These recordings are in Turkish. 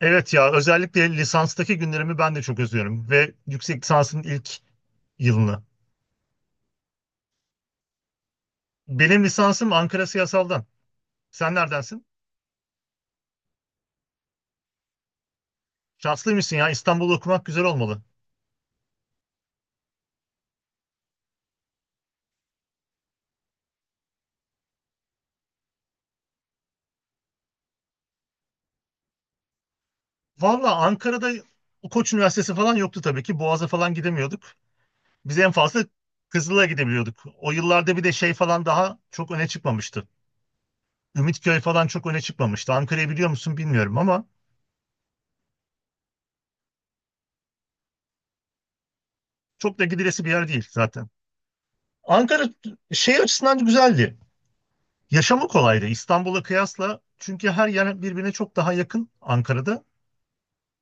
Evet ya özellikle lisanstaki günlerimi ben de çok özlüyorum ve yüksek lisansın ilk yılını. Benim lisansım Ankara Siyasal'dan. Sen neredensin? Şanslıymışsın ya, İstanbul'da okumak güzel olmalı. Valla Ankara'da Koç Üniversitesi falan yoktu tabii ki. Boğaz'a falan gidemiyorduk. Biz en fazla Kızıl'a gidebiliyorduk. O yıllarda bir de şey falan daha çok öne çıkmamıştı. Ümitköy falan çok öne çıkmamıştı. Ankara'yı biliyor musun bilmiyorum ama çok da gidilesi bir yer değil zaten. Ankara şey açısından güzeldi. Yaşamı kolaydı İstanbul'a kıyasla, çünkü her yer birbirine çok daha yakın Ankara'da.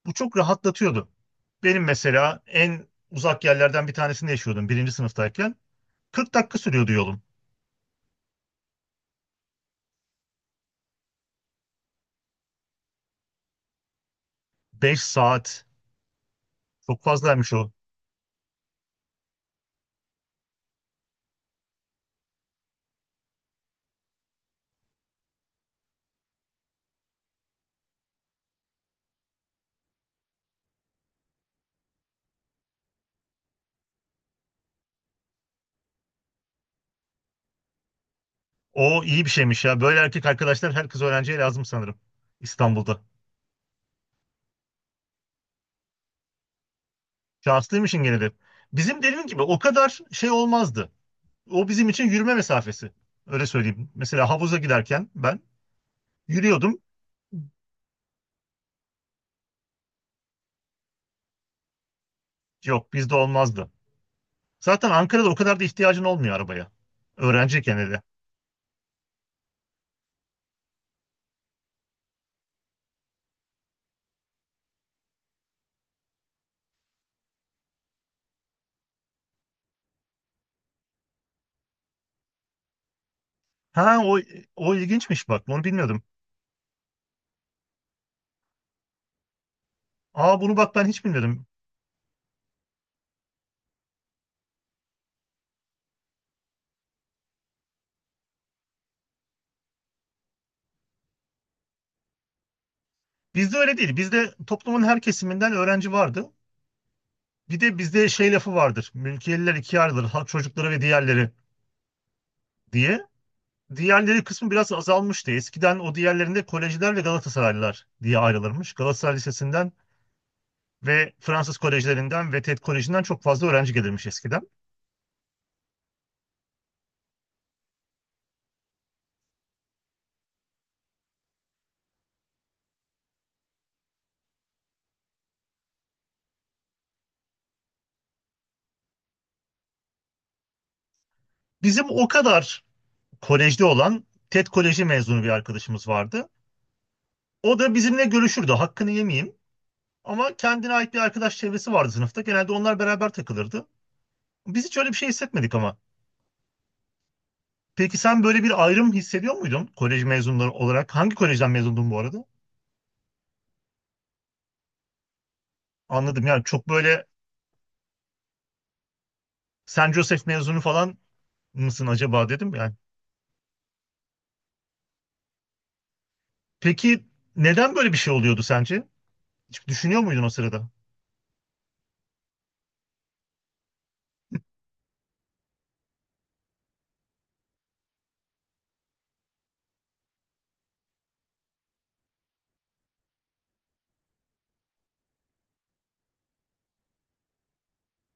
Bu çok rahatlatıyordu. Benim mesela en uzak yerlerden bir tanesinde yaşıyordum birinci sınıftayken. 40 dakika sürüyordu yolum. 5 saat çok fazlaymış o. O iyi bir şeymiş ya. Böyle erkek arkadaşlar her kız öğrenciye lazım sanırım İstanbul'da. Şanslıymışın gene de. Bizim dediğim gibi o kadar şey olmazdı. O bizim için yürüme mesafesi. Öyle söyleyeyim. Mesela havuza giderken ben yürüyordum. Yok, bizde olmazdı. Zaten Ankara'da o kadar da ihtiyacın olmuyor arabaya. Öğrenciyken hele. Ha o, o ilginçmiş bak. Onu bilmiyordum. Aa, bunu bak ben hiç bilmiyordum. Bizde öyle değil. Bizde toplumun her kesiminden öğrenci vardı. Bir de bizde şey lafı vardır. Mülkiyeliler ikiye ayrılır. Halk çocukları ve diğerleri diye. Diğerleri kısmı biraz azalmıştı. Eskiden o diğerlerinde kolejciler ve Galatasaraylılar diye ayrılırmış. Galatasaray Lisesi'nden ve Fransız kolejlerinden ve TED Koleji'nden çok fazla öğrenci gelirmiş eskiden. Bizim o kadar kolejde olan TED Koleji mezunu bir arkadaşımız vardı. O da bizimle görüşürdü. Hakkını yemeyeyim. Ama kendine ait bir arkadaş çevresi vardı sınıfta. Genelde onlar beraber takılırdı. Biz hiç öyle bir şey hissetmedik ama. Peki sen böyle bir ayrım hissediyor muydun kolej mezunları olarak? Hangi kolejden mezundun bu arada? Anladım, yani çok böyle Saint Joseph mezunu falan mısın acaba dedim yani. Peki neden böyle bir şey oluyordu sence? Hiç düşünüyor muydun o sırada?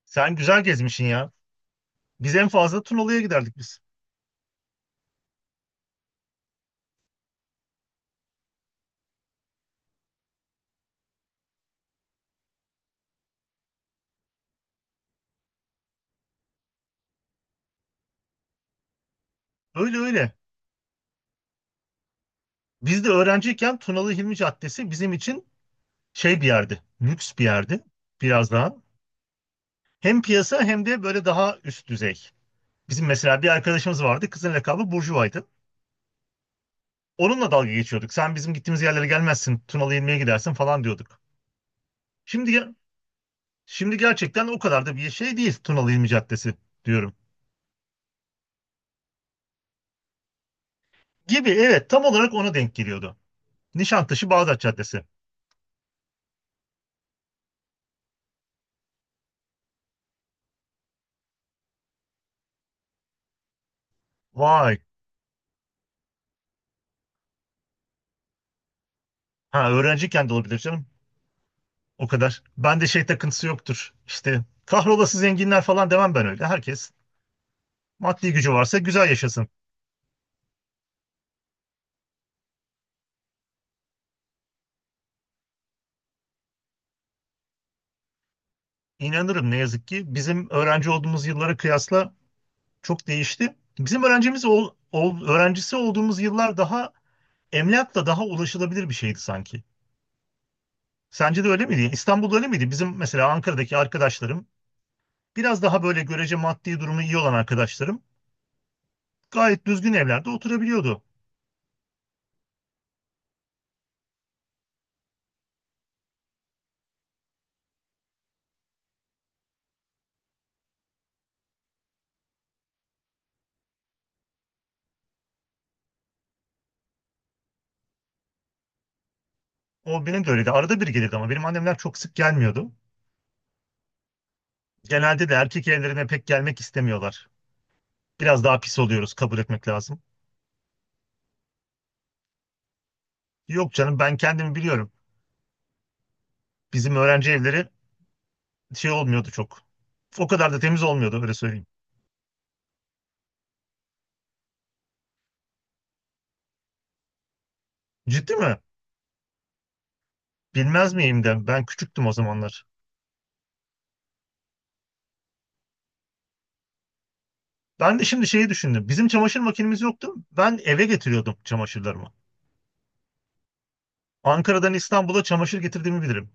Sen güzel gezmişsin ya. Biz en fazla Tunalı'ya giderdik biz. Öyle öyle. Biz de öğrenciyken Tunalı Hilmi Caddesi bizim için şey bir yerdi. Lüks bir yerdi. Biraz daha. Hem piyasa hem de böyle daha üst düzey. Bizim mesela bir arkadaşımız vardı. Kızın lakabı Burjuva'ydı. Onunla dalga geçiyorduk. Sen bizim gittiğimiz yerlere gelmezsin. Tunalı Hilmi'ye gidersin falan diyorduk. Şimdi ya- Şimdi gerçekten o kadar da bir şey değil Tunalı İlmi Caddesi diyorum. Gibi, evet, tam olarak ona denk geliyordu. Nişantaşı Bağdat Caddesi. Vay. Ha, öğrenciyken de olabilir canım. O kadar. Ben de şey takıntısı yoktur. İşte kahrolası zenginler falan demem ben öyle. Herkes maddi gücü varsa güzel yaşasın. İnanırım, ne yazık ki bizim öğrenci olduğumuz yıllara kıyasla çok değişti. Bizim öğrencimiz ol, ol- öğrencisi olduğumuz yıllar daha emlakla daha ulaşılabilir bir şeydi sanki. Sence de öyle miydi? Yani İstanbul'da öyle miydi? Bizim mesela Ankara'daki arkadaşlarım, biraz daha böyle görece maddi durumu iyi olan arkadaşlarım, gayet düzgün evlerde oturabiliyordu. O benim de öyleydi. Arada bir gelirdi ama benim annemler çok sık gelmiyordu. Genelde de erkek evlerine pek gelmek istemiyorlar. Biraz daha pis oluyoruz, kabul etmek lazım. Yok canım, ben kendimi biliyorum. Bizim öğrenci evleri şey olmuyordu çok. O kadar da temiz olmuyordu, öyle söyleyeyim. Ciddi mi? Bilmez miyim, de ben küçüktüm o zamanlar. Ben de şimdi şeyi düşündüm. Bizim çamaşır makinemiz yoktu. Ben eve getiriyordum çamaşırlarımı. Ankara'dan İstanbul'a çamaşır getirdiğimi bilirim.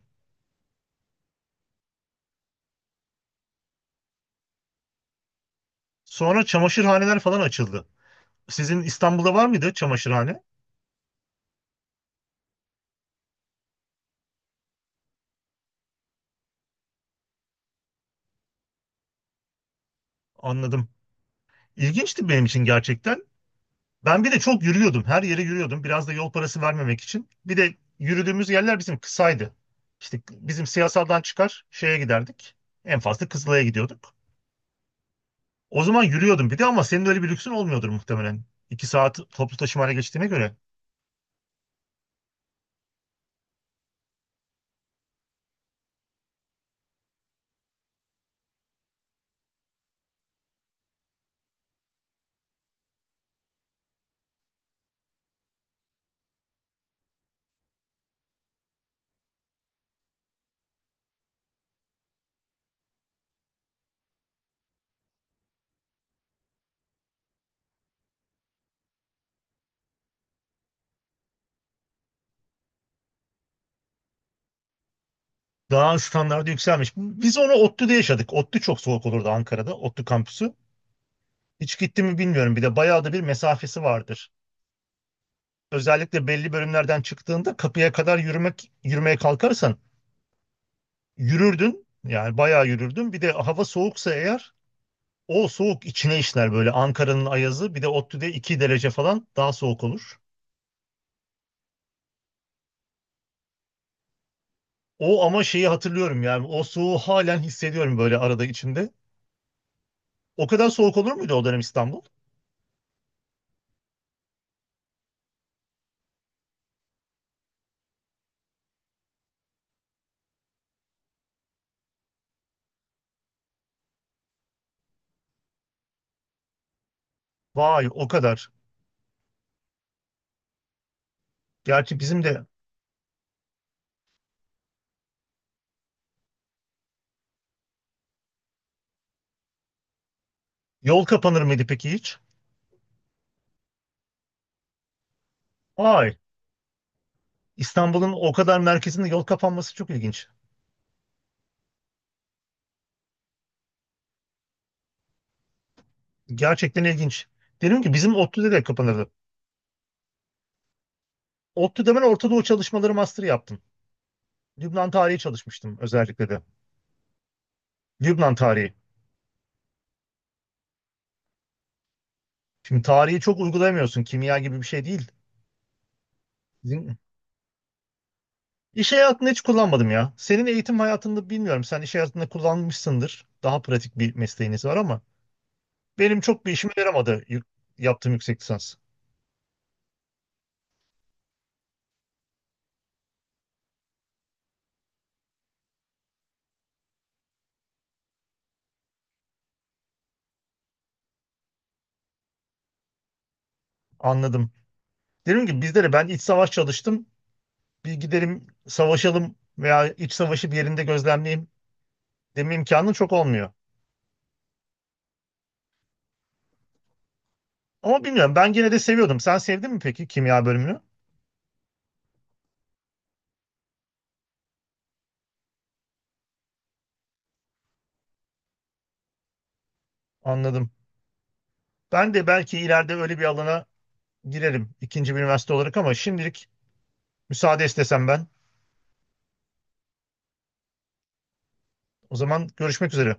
Sonra çamaşırhaneler falan açıldı. Sizin İstanbul'da var mıydı çamaşırhane? Anladım. İlginçti benim için gerçekten. Ben bir de çok yürüyordum. Her yere yürüyordum. Biraz da yol parası vermemek için. Bir de yürüdüğümüz yerler bizim kısaydı. İşte bizim siyasaldan çıkar şeye giderdik. En fazla Kızılay'a gidiyorduk. O zaman yürüyordum bir de, ama senin öyle bir lüksün olmuyordur muhtemelen. 2 saat toplu taşımaya geçtiğine göre. Daha standardı yükselmiş. Biz onu ODTÜ'de yaşadık. ODTÜ çok soğuk olurdu Ankara'da. ODTÜ kampüsü. Hiç gitti mi bilmiyorum. Bir de bayağı da bir mesafesi vardır. Özellikle belli bölümlerden çıktığında kapıya kadar yürümek, yürümeye kalkarsan yürürdün. Yani bayağı yürürdün. Bir de hava soğuksa eğer, o soğuk içine işler böyle, Ankara'nın ayazı. Bir de ODTÜ'de 2 derece falan daha soğuk olur. O ama, şeyi hatırlıyorum yani, o soğuğu halen hissediyorum böyle arada içimde. O kadar soğuk olur muydu o dönem İstanbul? Vay, o kadar. Gerçi bizim de. Yol kapanır mıydı peki hiç? Ay, İstanbul'un o kadar merkezinde yol kapanması çok ilginç. Gerçekten ilginç. Dedim ki bizim ODTÜ'de de kapanırdı. ODTÜ'de ben Orta Doğu çalışmaları master yaptım. Lübnan tarihi çalışmıştım özellikle de. Lübnan tarihi. Şimdi tarihi çok uygulayamıyorsun. Kimya gibi bir şey değil. Bizim- İş hayatında hiç kullanmadım ya. Senin eğitim hayatında bilmiyorum. Sen iş hayatında kullanmışsındır. Daha pratik bir mesleğiniz var ama benim çok bir işime yaramadı yaptığım yüksek lisans. Anladım. Dedim ki bizde de ben iç savaş çalıştım. Bir gidelim savaşalım veya iç savaşı bir yerinde gözlemleyeyim deme imkanın çok olmuyor. Ama bilmiyorum, ben gene de seviyordum. Sen sevdin mi peki kimya bölümünü? Anladım. Ben de belki ileride öyle bir alana girerim, ikinci bir üniversite olarak, ama şimdilik müsaade istesem ben. O zaman görüşmek üzere.